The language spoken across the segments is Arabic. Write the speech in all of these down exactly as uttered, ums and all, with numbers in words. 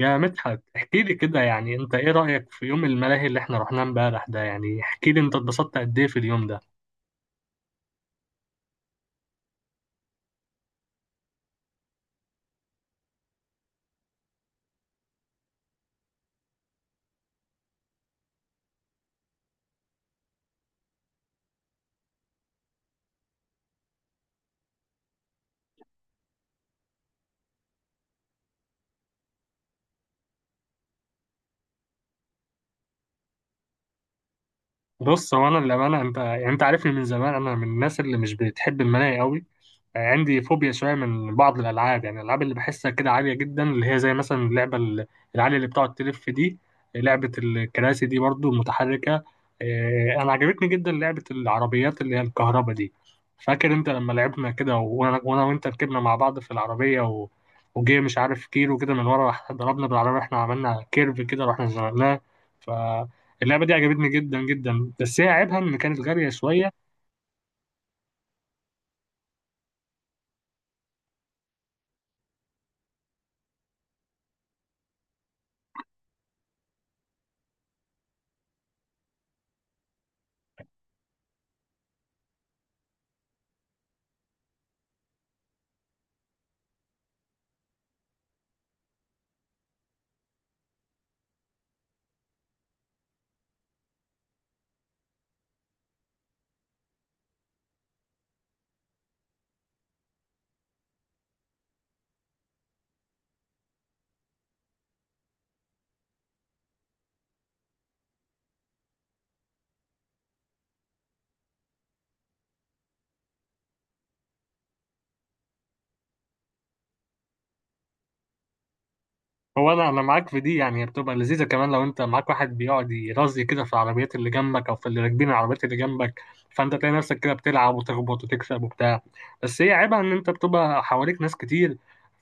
يا مدحت، احكي لي كده. يعني انت ايه رأيك في يوم الملاهي اللي احنا رحناه امبارح ده؟ يعني احكي لي، انت اتبسطت قد ايه في اليوم ده؟ بص، هو انا للأمانة، انت يعني انت عارفني من زمان، انا من الناس اللي مش بتحب الملاهي قوي. عندي فوبيا شويه من بعض الالعاب، يعني الالعاب اللي بحسها كده عاليه جدا، اللي هي زي مثلا اللعبه ال- العاليه اللي بتقعد تلف دي. لعبه الكراسي دي برضو متحركه. إيه، انا عجبتني جدا لعبه العربيات اللي هي الكهرباء دي. فاكر انت لما لعبنا كده وانا وأنا وانت ركبنا مع بعض في العربيه، و... وجه مش عارف كيلو كده من ورا، راح ضربنا بالعربيه، احنا عملنا كيرف كده رحنا زنقناه. فاللعبه دي عجبتني جدا جدا، بس هي عيبها ان كانت غاليه شويه. هو انا انا معاك في دي، يعني هي بتبقى لذيذه كمان لو انت معاك واحد بيقعد يرازي كده في العربيات اللي جنبك، او في اللي راكبين العربيات اللي جنبك. فانت تلاقي نفسك كده بتلعب وتخبط وتكسب وبتاع. بس هي عيبها ان انت بتبقى حواليك ناس كتير.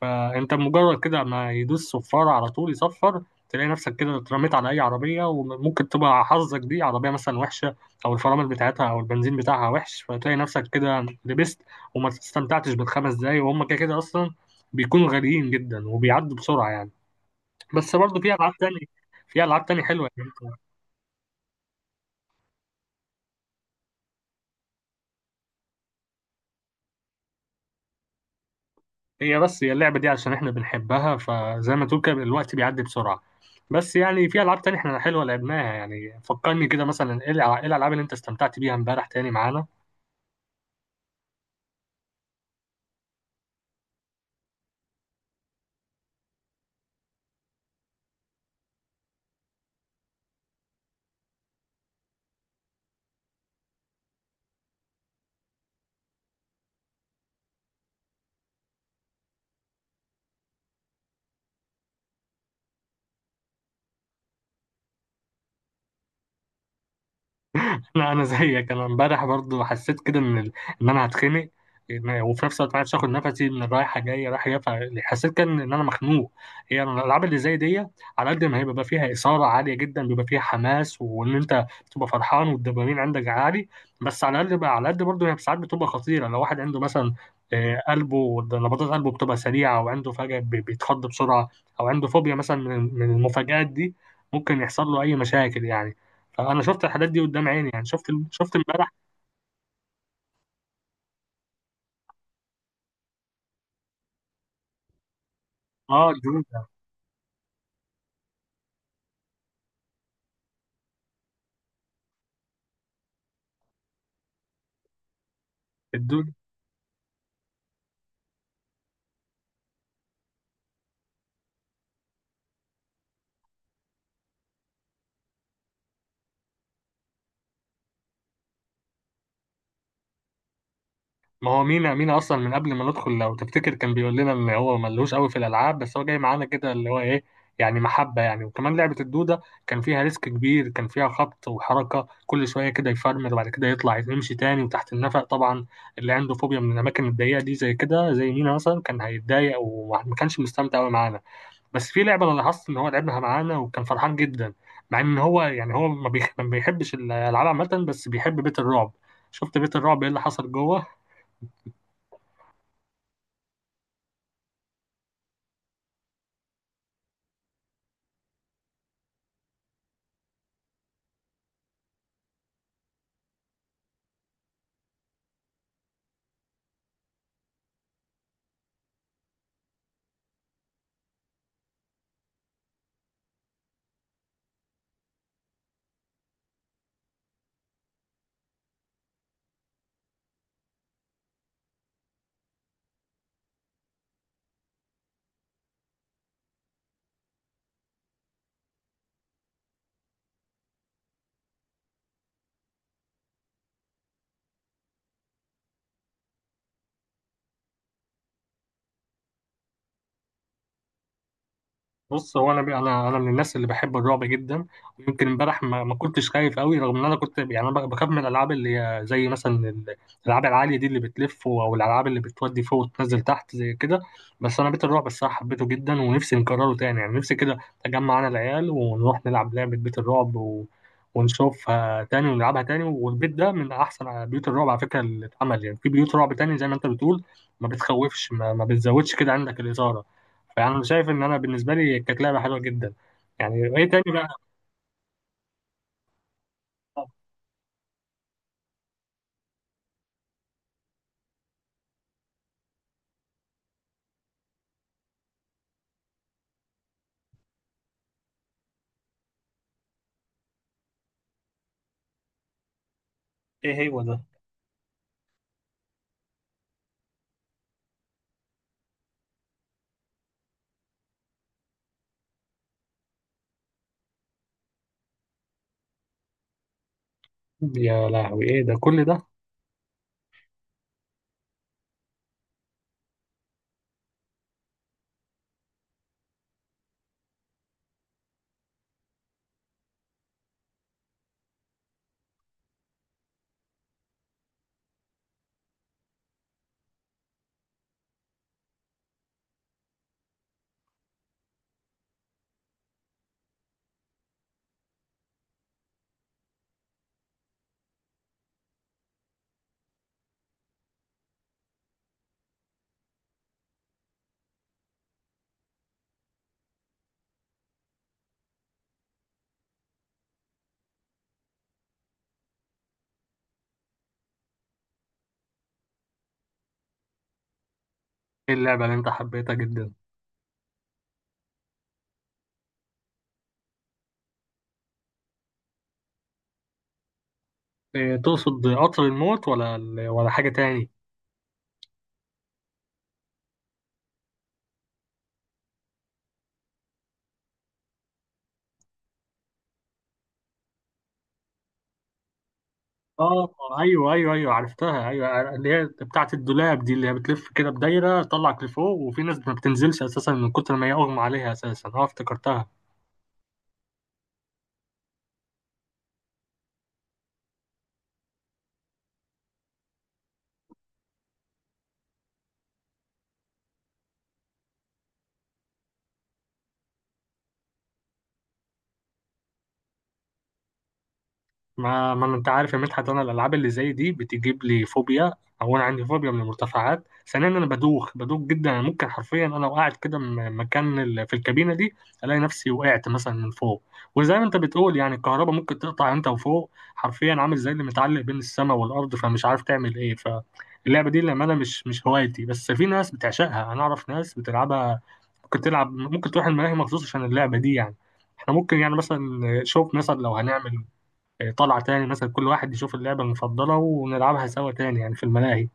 فانت مجرد كده ما يدوس صفار على طول يصفر، تلاقي نفسك كده اترميت على اي عربيه، وممكن تبقى حظك دي عربيه مثلا وحشه، او الفرامل بتاعتها او البنزين بتاعها وحش، فتلاقي نفسك كده لبست، وما استمتعتش بالخمس دقايق، وهم كده كده اصلا بيكونوا غاليين جدا وبيعدوا بسرعه يعني. بس برضه في العاب تانية. في العاب تانية حلوه، يعني انت- هي بس هي اللعبه دي عشان احنا بنحبها، فزي ما تقول كده الوقت بيعدي بسرعه. بس يعني في العاب تانية احنا حلوه لعبناها. يعني فكرني كده مثلا، ايه الع- إيه الالعاب اللي انت استمتعت بيها امبارح تاني معانا؟ لا، انا زيك، انا امبارح برضو حسيت كده ان ال... ان انا هتخنق. إن- وفي نفس الوقت ما عرفتش اخد نفسي من الرايحه جايه رايحه جايه، فحسيت كان ان انا مخنوق. هي يعني الالعاب اللي زي دي، على قد ما هي بيبقى فيها اثاره عاليه جدا، بيبقى فيها حماس، وان انت بتبقى فرحان والدوبامين عندك عالي، بس على قد على قد برضه هي ساعات بتبقى خطيره، لو واحد عنده مثلا آه، قلبه نبضات قلبه بتبقى سريعه، او عنده فجاه بي- بيتخض بسرعه، او عنده فوبيا مثلا من من المفاجآت دي، ممكن يحصل له اي مشاكل يعني. آه، انا شفت الحاجات دي قدام عيني، يعني شفت، شفت امبارح. اه، الدودة. الدودة. ما هو مينا مينا اصلا من قبل ما ندخل، لو تفتكر كان بيقول لنا ان هو ملهوش قوي في الالعاب، بس هو جاي معانا كده اللي هو ايه، يعني محبة يعني. وكمان لعبة الدودة، كان فيها ريسك كبير، كان فيها خبط وحركة، كل شوية كده يفرمل وبعد كده يطلع يمشي تاني، وتحت النفق طبعا. اللي عنده فوبيا من الأماكن الضيقة دي زي كده، زي مينا مثلا، كان هيتضايق وما كانش مستمتع قوي معانا. بس في لعبه انا لاحظت ان هو لعبها معانا وكان فرحان جدا، مع ان هو يعني هو ما بيح- ما بيحبش الالعاب عامه، بس بيحب بيت الرعب. شفت بيت الرعب ايه اللي حصل جوه؟ بص، هو انا انا انا من الناس اللي بحب الرعب جدا، ويمكن امبارح ما, ما كنتش خايف قوي، رغم ان انا كنت، يعني انا بخاف من الالعاب اللي هي زي مثلا ال- الالعاب العاليه دي اللي بتلف، او الالعاب اللي بتودي فوق وتنزل تحت زي كده. بس انا بيت الرعب الصراحه حبيته جدا، ونفسي نكرره تاني، يعني نفسي كده اجمع انا العيال ونروح نلعب لعبه بيت الرعب و... ونشوفها تاني ونلعبها تاني. والبيت ده من احسن بيوت الرعب على فكره اللي اتعمل، يعني في بيوت رعب تاني زي ما انت بتقول ما بتخوفش، ما, ما بتزودش كده عندك الاثاره. فانا شايف ان انا بالنسبه لي كانت لعبه حلوه جدا. يعني ايه تاني بقى؟ ايه هو ده؟ يا لهوي، ايه ده كل ده؟ ايه اللعبه اللي انت حبيتها جدا؟ إيه، تقصد قطر الموت ولا ولا حاجه تاني؟ اه، ايوه ايوه ايوه، عرفتها، ايوه اللي هي بتاعه الدولاب دي، اللي هي بتلف كده بدايره، تطلعك لفوق، وفي ناس ما بتنزلش اساسا من كتر ما هي اغمى عليها اساسا. اه، افتكرتها. ما ما انت عارف يا مدحت، انا الالعاب اللي زي دي بتجيب لي فوبيا، او انا عندي فوبيا من المرتفعات. ثانيا انا بدوخ بدوخ جدا، أنا ممكن حرفيا انا وقعت كده من مكان ال- في الكابينه دي، الاقي نفسي وقعت مثلا من فوق. وزي ما انت بتقول، يعني الكهرباء ممكن تقطع، انت وفوق حرفيا عامل زي اللي متعلق بين السماء والارض، فمش عارف تعمل ايه. فاللعبه دي لما انا مش مش هوايتي، بس في ناس بتعشقها، انا اعرف ناس بتلعبها، ممكن تلعب، ممكن تروح الملاهي مخصوص عشان اللعبه دي يعني. احنا ممكن يعني مثلا، شوف مثلا لو هنعمل طلع تاني مثلا، كل واحد يشوف اللعبة المفضلة ونلعبها سوا تاني يعني في الملاهي.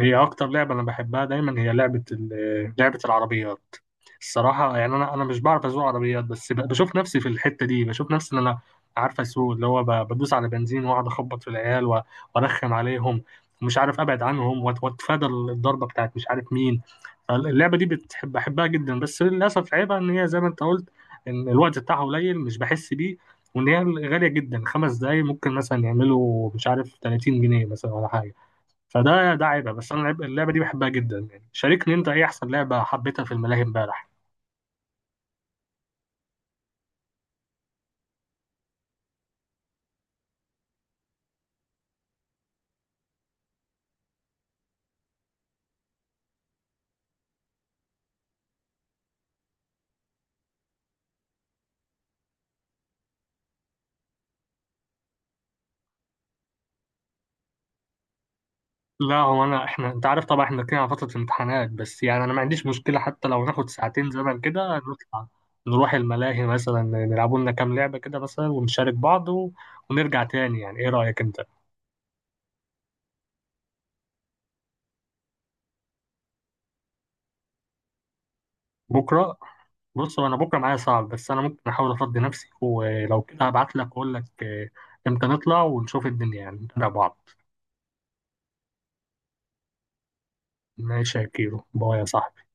هي اكتر لعبه انا بحبها دايما، هي لعبه ال- آه، لعبه العربيات. الصراحه يعني انا انا مش بعرف اسوق عربيات، بس ب- بشوف نفسي في الحته دي، بشوف نفسي ان انا عارف اسوق، اللي هو ب- بدوس على بنزين واقعد اخبط في العيال و- وارخم عليهم، ومش عارف ابعد عنهم، وأت- واتفادى الضربه بتاعت مش عارف مين. اللعبه دي بتحب بحبها جدا، بس للاسف عيبها ان هي زي ما انت قلت، ان الوقت بتاعها قليل، مش بحس بيه، وان هي غاليه جدا. خمس دقايق ممكن مثلا يعملوا مش عارف ثلاثين جنيه مثلا ولا حاجه. فده ده عيبها. بس انا لعب- اللعبه دي بحبها جدا. يعني شاركني، انت ايه احسن لعبه حبيتها في الملاهي امبارح؟ لا، هو انا احنا، انت عارف طبعا احنا داخلين على فتره الامتحانات، بس يعني انا ما عنديش مشكله حتى لو ناخد ساعتين زمن كده نطلع، نروح الملاهي مثلا، نلعبوا لنا كام لعبه كده مثلا، ونشارك بعض و... ونرجع تاني. يعني ايه رايك انت؟ بكره؟ بص، هو انا بكره معايا صعب، بس انا ممكن احاول افضي نفسي، ولو كده هبعت لك اقول لك آه، امتى نطلع ونشوف الدنيا، يعني نتابع بعض. ماشي يا كيرو، باي يا صاحبي.